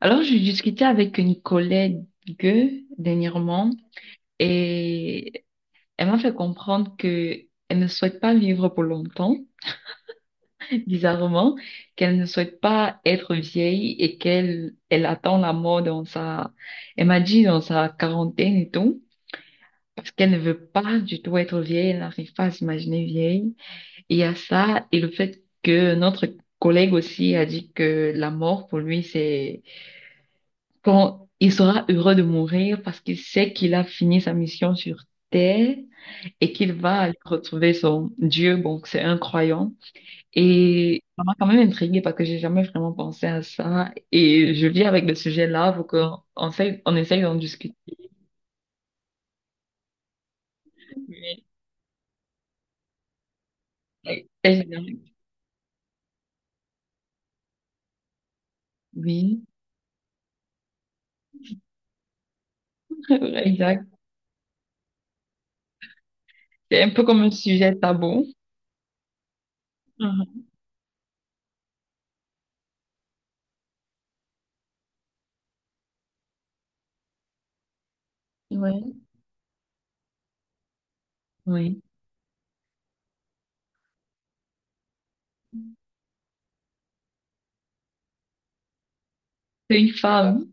Alors, j'ai discuté avec une collègue dernièrement et elle m'a fait comprendre que elle ne souhaite pas vivre pour longtemps, bizarrement, qu'elle ne souhaite pas être vieille et qu'elle elle attend la mort dans sa, elle m'a dit dans sa quarantaine et tout, parce qu'elle ne veut pas du tout être vieille, elle n'arrive pas à s'imaginer vieille. Et il y a ça et le fait que notre collègue aussi a dit que la mort pour lui, c'est quand il sera heureux de mourir parce qu'il sait qu'il a fini sa mission sur Terre et qu'il va aller retrouver son Dieu. Bon, c'est un croyant. Et ça m'a quand même intriguée parce que j'ai jamais vraiment pensé à ça. Et je vis avec le sujet là, faut qu'on on essaye d'en discuter. Mais, euh, c'est génial. Oui, exact. C'est un peu comme un sujet tabou. Mhm. Ouais. Oui. C'est une femme.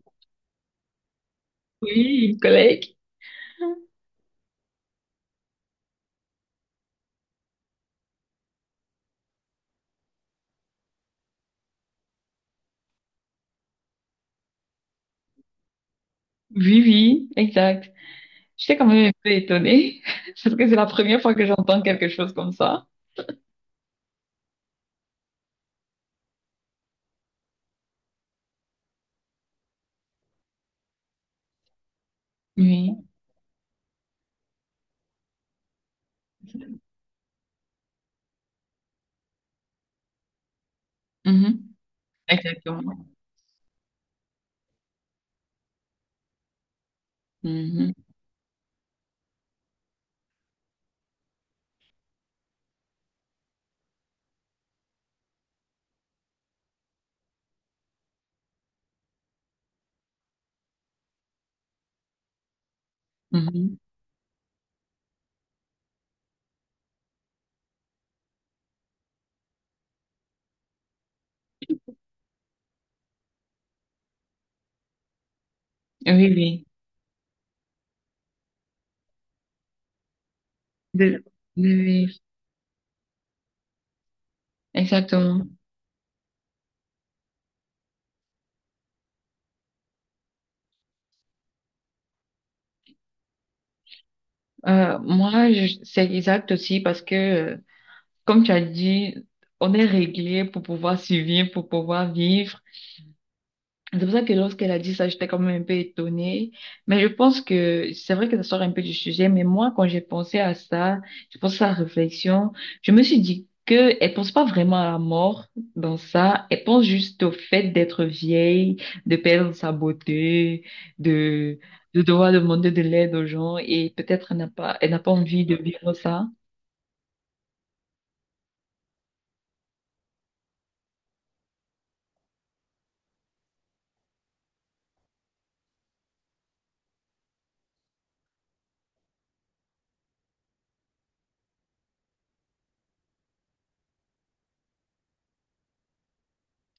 Oui, une collègue. Oui, oui, exact. J'étais quand même un peu étonnée, parce que c'est la première fois que j'entends quelque chose comme ça. Oui, mhm, exactement. Mhm, mhm. Oui, oui. De- oui, oui, exactement. Moi, c'est exact aussi parce que, comme tu as dit, on est réglé pour pouvoir survivre, pour pouvoir vivre. C'est pour ça que lorsqu'elle a dit ça, j'étais quand même un peu étonnée. Mais je pense que c'est vrai que ça sort un peu du sujet, mais moi, quand j'ai pensé à ça, j'ai pensé à la réflexion, je me suis dit que elle pense pas vraiment à la mort dans ça, elle pense juste au fait d'être vieille, de perdre sa beauté, de, de devoir demander de l'aide aux gens et peut-être elle n'a pas envie de vivre ça.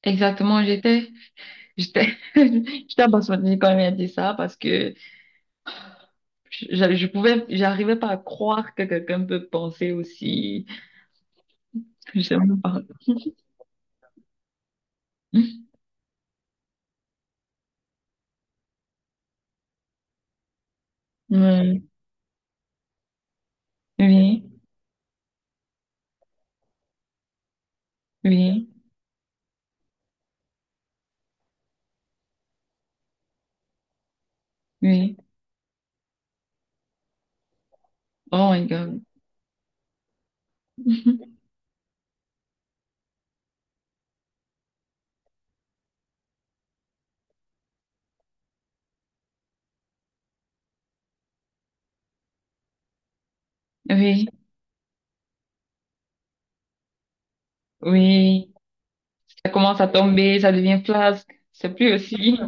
Exactement, j'étais, j'étais abasourdie quand elle a dit ça parce que je pouvais, j'arrivais pas à croire que quelqu'un peut penser aussi. J'aime pas. Oui. Oui, oui, oui. Oh my God. Oui, oui. Ça commence à tomber, ça devient flasque. C'est plus aussi.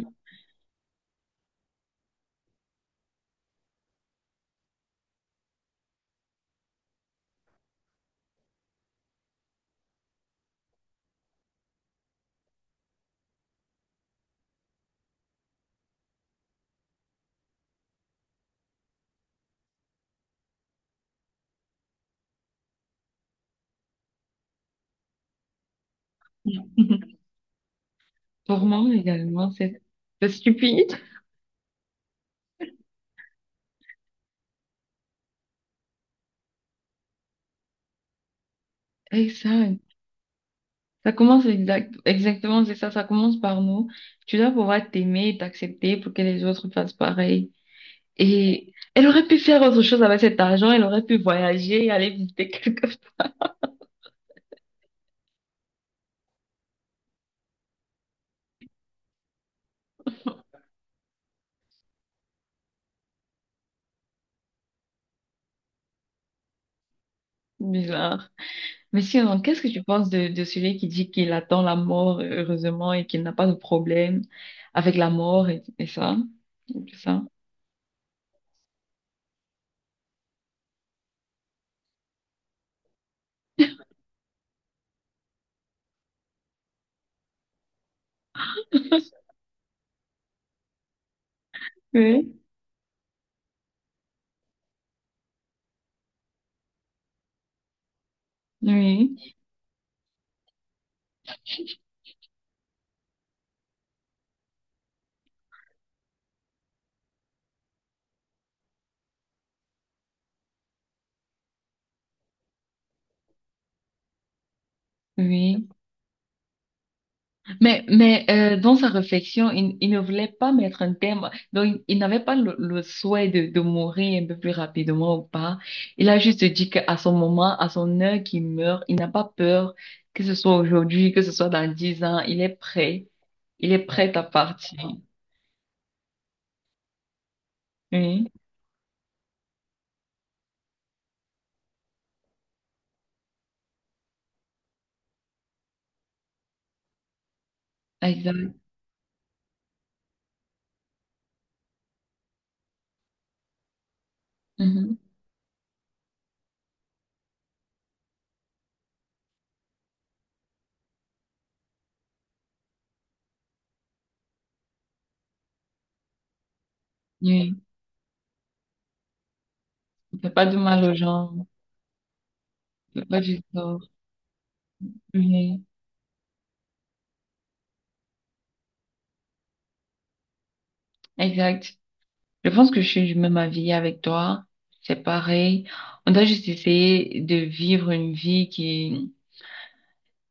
Pour moi également, c'est stupide. Et ça commence exact, exactement, c'est ça, ça commence par nous. Tu dois pouvoir t'aimer et t'accepter pour que les autres fassent pareil. Et elle aurait pu faire autre chose avec cet argent, elle aurait pu voyager, aller visiter quelque chose de bizarre. Mais sinon, qu'est-ce que tu penses de celui qui dit qu'il attend la mort, heureusement, et qu'il n'a pas de problème avec la mort et ça, et tout ça? Oui. Oui, oui. Mais dans sa réflexion, il ne voulait pas mettre un terme. Donc, il n'avait pas le, le souhait de mourir un peu plus rapidement ou pas. Il a juste dit qu'à son moment, à son heure qu'il meurt, il n'a pas peur que ce soit aujourd'hui, que ce soit dans 10 ans. Il est prêt. Il est prêt à partir. Oui, exact. Mhm. Oui, il fait pas de mal aux gens. Il fait pas du tort. Oui, exact. Je pense que je suis du même avis avec toi. C'est pareil. On doit juste essayer de vivre une vie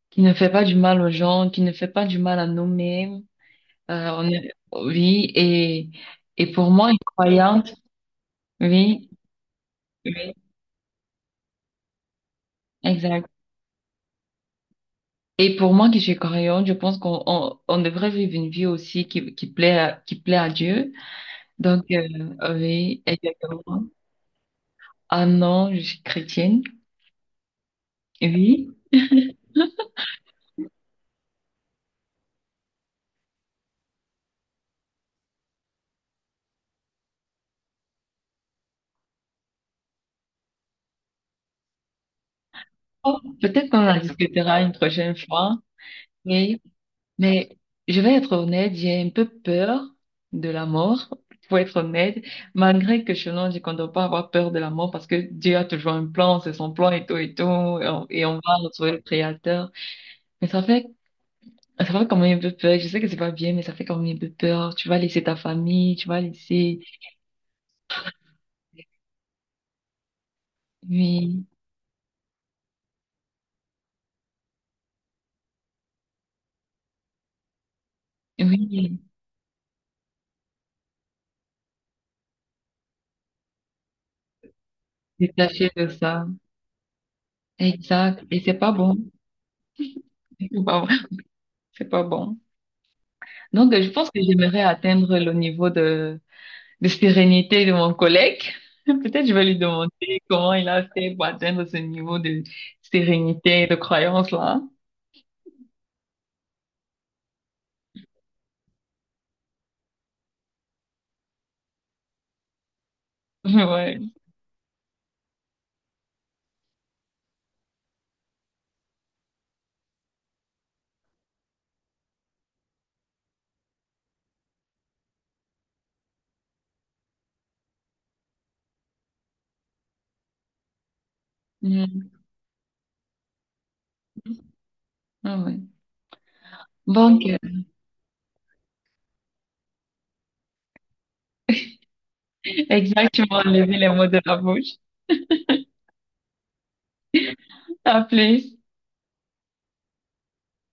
qui ne fait pas du mal aux gens, qui ne fait pas du mal à nous-mêmes. Oui, et pour moi, une croyante, oui, oui, exact. Et pour moi qui suis croyante, je pense on devrait vivre une vie aussi qui plaît à Dieu. Donc, oui, exactement. Ah non, je suis chrétienne. Oui. Oh, peut-être qu'on en discutera une prochaine fois. Oui, mais je vais être honnête, j'ai un peu peur de la mort, pour être honnête, malgré que je non, qu'on ne compte pas avoir peur de la mort parce que Dieu a toujours un plan, c'est son plan et tout et tout, et on va retrouver le Créateur. Mais ça fait quand même un peu peur, je sais que c'est pas bien, mais ça fait quand même un peu peur. Tu vas laisser ta famille, tu vas laisser, oui, oui, détacher de ça. Exact, et c'est pas bon, c'est pas bon. C'est pas bon. Donc, je pense que j'aimerais atteindre le niveau de sérénité de mon collègue. Peut-être je vais lui demander comment il a fait pour atteindre ce niveau de sérénité et de croyance là. Ouais. Mhm. Ah ouais. Bon, exactement, enlever les mots de la bouche. À plus.